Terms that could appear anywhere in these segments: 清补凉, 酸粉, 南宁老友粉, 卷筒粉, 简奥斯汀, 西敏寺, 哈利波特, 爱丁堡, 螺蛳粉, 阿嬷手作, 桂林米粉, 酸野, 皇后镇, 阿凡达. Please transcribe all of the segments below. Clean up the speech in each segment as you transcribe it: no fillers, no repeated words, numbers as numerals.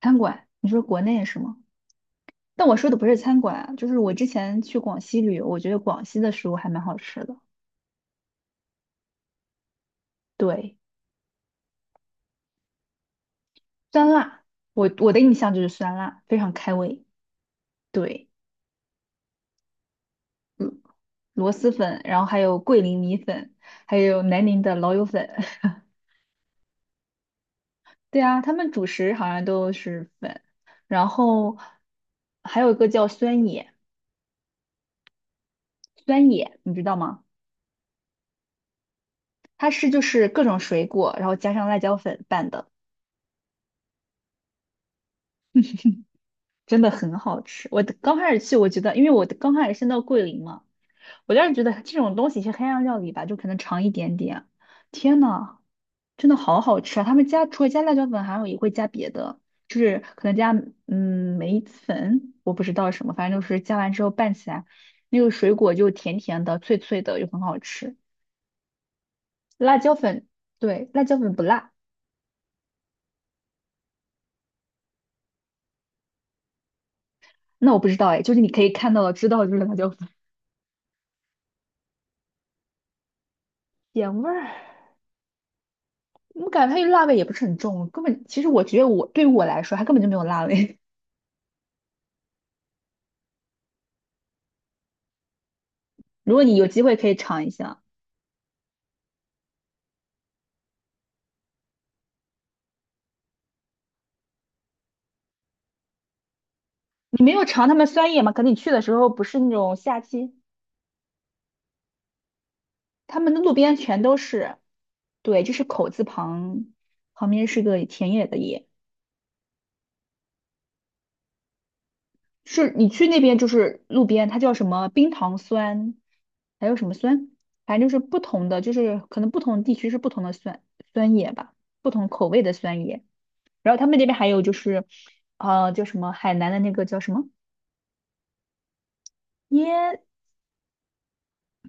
餐馆，你说国内是吗？但我说的不是餐馆啊，就是我之前去广西旅游，我觉得广西的食物还蛮好吃的。对，酸辣，我的印象就是酸辣，非常开胃。对，螺蛳粉，然后还有桂林米粉，还有南宁的老友粉。对啊，他们主食好像都是粉，然后还有一个叫酸野，酸野你知道吗？它是就是各种水果，然后加上辣椒粉拌的。真的很好吃。我的刚开始去，我觉得，因为我的刚开始先到桂林嘛，我当时觉得这种东西是黑暗料理吧，就可能尝一点点。天呐，真的好好吃啊！他们加除了加辣椒粉，还有也会加别的，就是可能加梅子粉，我不知道什么，反正就是加完之后拌起来，那个水果就甜甜的、脆脆的，又很好吃。辣椒粉，对，辣椒粉不辣，那我不知道哎，就是你可以看到的、知道的就是辣椒粉，点味儿。我感觉它这辣味也不是很重，根本其实我觉得我对于我来说，它根本就没有辣味。如果你有机会可以尝一下，你没有尝他们酸叶吗？可能你去的时候不是那种夏季，他们的路边全都是，对，就是口字旁，旁边是个田野的野，是你去那边就是路边，它叫什么冰糖酸，还有什么酸，反正就是不同的，就是可能不同地区是不同的酸叶吧，不同口味的酸叶。然后他们那边还有就是，叫什么海南的那个叫什么腌，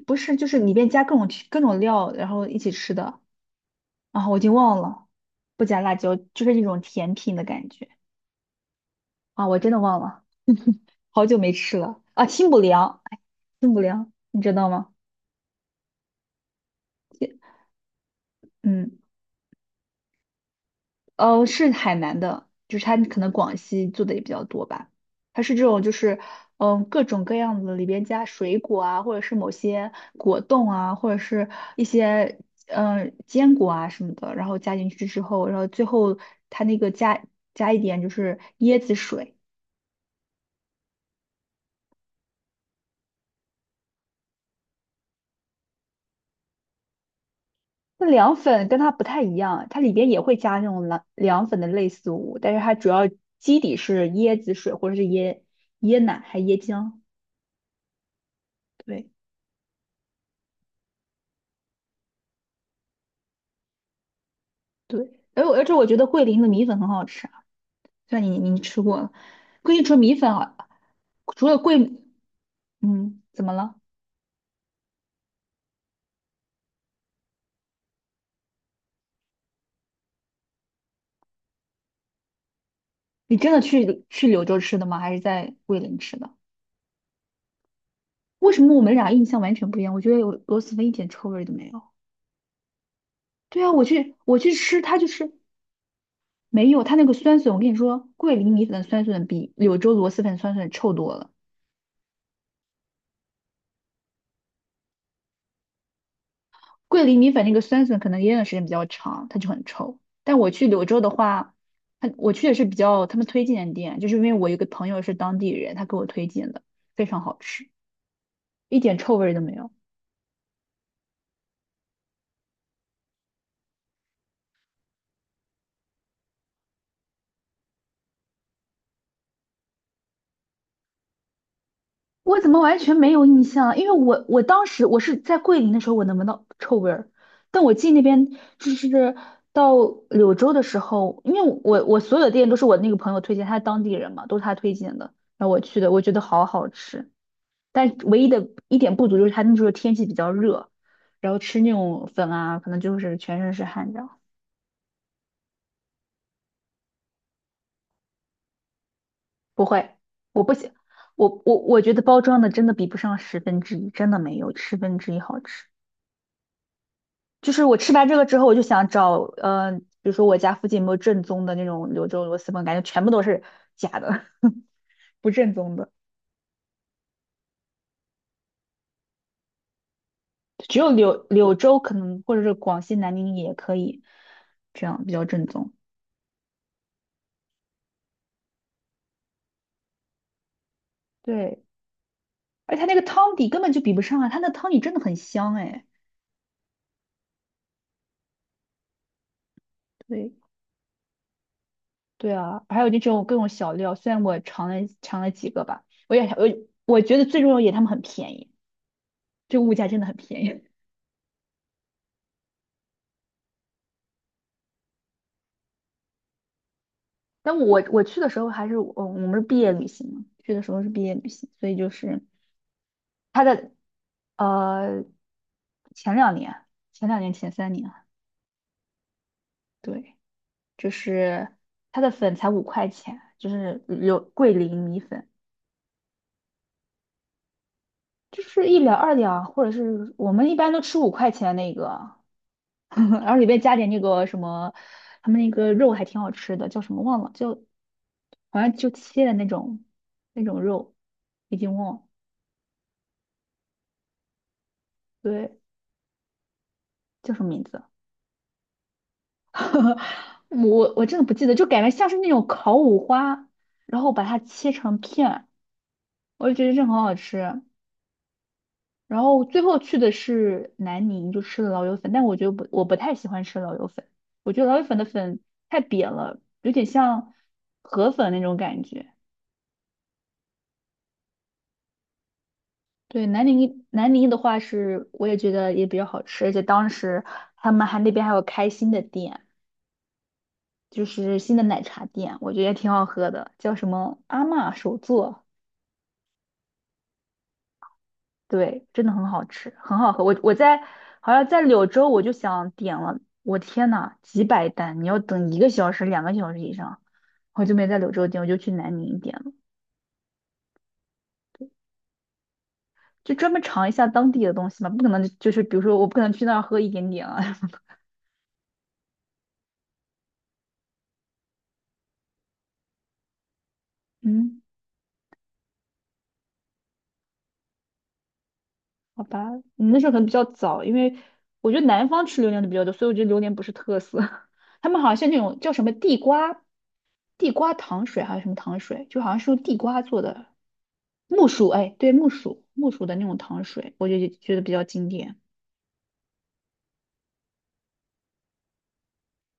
不是，就是里边加各种料，然后一起吃的啊，我已经忘了，不加辣椒，就是一种甜品的感觉啊，我真的忘了，好久没吃了啊，清补凉，哎，清补凉，你知道吗？嗯。是海南的，就是它可能广西做的也比较多吧。它是这种，就是各种各样的里边加水果啊，或者是某些果冻啊，或者是一些坚果啊什么的，然后加进去之后，然后最后它那个加一点就是椰子水。那凉粉跟它不太一样，它里边也会加那种凉粉的类似物，但是它主要基底是椰子水或者是椰奶还椰浆。对。对，而且我觉得桂林的米粉很好吃啊，虽然你吃过了，桂林除了米粉啊，除了桂，嗯，怎么了？你真的去柳州吃的吗？还是在桂林吃的？为什么我们俩印象完全不一样？我觉得有螺蛳粉一点臭味都没有。对啊，我去吃，它就是没有它那个酸笋。我跟你说，桂林米粉的酸笋比柳州螺蛳粉酸笋臭多了。桂林米粉那个酸笋可能腌的时间比较长，它就很臭。但我去柳州的话，它我去的是比较他们推荐的店，就是因为我有个朋友是当地人，他给我推荐的，非常好吃，一点臭味儿都没有。我怎么完全没有印象啊因为我当时我是在桂林的时候，我能闻到臭味儿，但我进那边就是到柳州的时候，因为我所有的店都是我那个朋友推荐，他是当地人嘛，都是他推荐的，然后我去的，我觉得好好吃。但唯一的一点不足就是它那时候天气比较热，然后吃那种粉啊，可能就是全身是汗这样。不会，我不行，我觉得包装的真的比不上十分之一，真的没有十分之一好吃。就是我吃完这个之后，我就想找，比如说我家附近有没有正宗的那种柳州螺蛳粉，感觉全部都是假的，不正宗的，只有柳州可能或者是广西南宁也可以，这样比较正宗。对。而且它那个汤底根本就比不上啊，它那汤底真的很香哎。对对啊，还有那种各种小料，虽然我尝了几个吧，我也我觉得最重要一点，他们很便宜，这个物价真的很便宜。但我去的时候还是我们是毕业旅行嘛，去的时候是毕业旅行，所以就是它的呃前两年前3年啊，对，就是它的粉才五块钱，就是有桂林米粉。就是1两2两，或者是我们一般都吃五块钱那个，然后里面加点那个什么，他们那个肉还挺好吃的，叫什么忘了，就好像就切的那种肉，已经忘了，对，叫什么名字啊？我真的不记得，就感觉像是那种烤五花，然后把它切成片，我就觉得这很好吃。然后最后去的是南宁，就吃了老友粉，但我觉得不，我不太喜欢吃老友粉，我觉得老友粉的粉太扁了，有点像河粉那种感觉。对，南宁的话是，我也觉得也比较好吃，而且当时他们还那边还有开新的店，就是新的奶茶店，我觉得也挺好喝的，叫什么阿嬷手作。对，真的很好吃，很好喝。我在好像在柳州，我就想点了，我天呐，几百单，你要等1个小时、2个小时以上，我就没在柳州点，我就去南宁点了，就专门尝一下当地的东西嘛，不可能就是比如说我不可能去那儿喝一点点啊。嗯，好吧，你那时候可能比较早，因为我觉得南方吃榴莲的比较多，所以我觉得榴莲不是特色。他们好像像那种叫什么地瓜糖水还是什么糖水，就好像是用地瓜做的，木薯，哎，对，木薯，的那种糖水，我就觉得比较经典。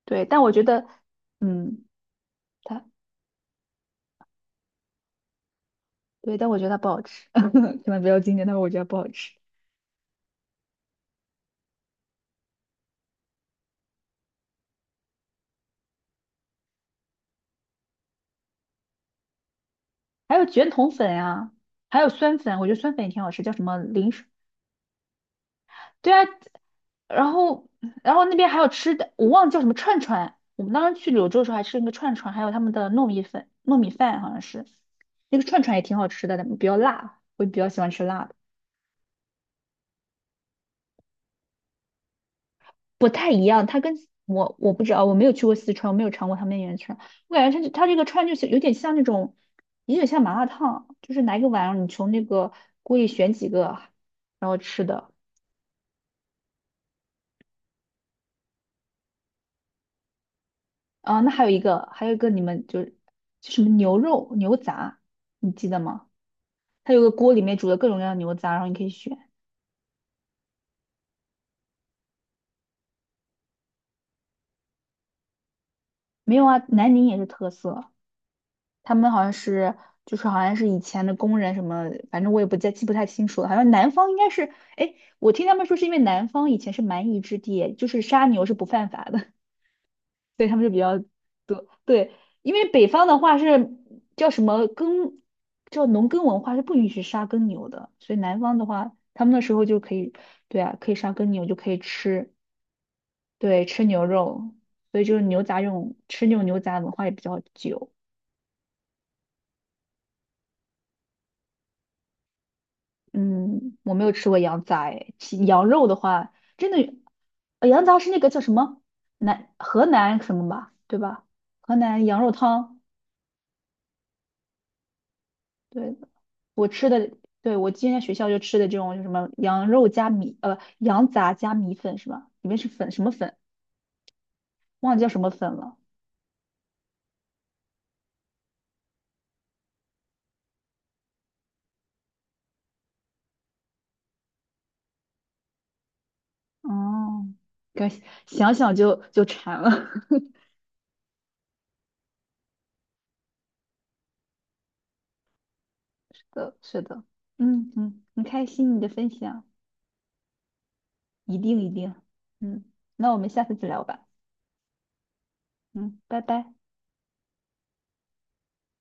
对，但我觉得，嗯，它，对，但我觉得它不好吃，可能比较经典，但是我觉得不好吃。还有卷筒粉呀，还有酸粉，我觉得酸粉也挺好吃，叫什么零食？对啊，然后，然后那边还有吃的，我忘了叫什么串串。我们当时去柳州的时候还吃那个串串，还有他们的糯米粉、糯米饭，好像是那个串串也挺好吃的，但比较辣，我比较喜欢吃辣的。不太一样，它跟我不知道，我没有去过四川，我没有尝过他们那边的串，我感觉它这个串就是有点像那种，有点像麻辣烫，就是拿一个碗，你从那个锅里选几个，然后吃的。啊，那还有一个，还有一个你们就是就什么牛肉牛杂，你记得吗？它有个锅里面煮的各种各样的牛杂，然后你可以选。没有啊，南宁也是特色。他们好像是，就是好像是以前的工人什么，反正我也不太清楚了。好像南方应该是，哎，我听他们说是因为南方以前是蛮夷之地，就是杀牛是不犯法的，所以他们就比较多。对，因为北方的话是叫什么耕，叫农耕文化是不允许杀耕牛的，所以南方的话，他们那时候就可以，对啊，可以杀耕牛就可以吃，对，吃牛肉，所以就是牛杂这种牛杂文化也比较久。嗯，我没有吃过羊杂诶其羊肉的话，真的，羊杂是那个叫什么河南什么吧，对吧？河南羊肉汤，对，我吃的，对，我今天在学校就吃的这种，就什么羊肉加米，羊杂加米粉是吧？里面是粉什么粉，忘记叫什么粉了。哦，感想想就馋了。是的，是的，嗯嗯，很开心你的分享，一定一定，嗯，那我们下次再聊吧，嗯，拜拜。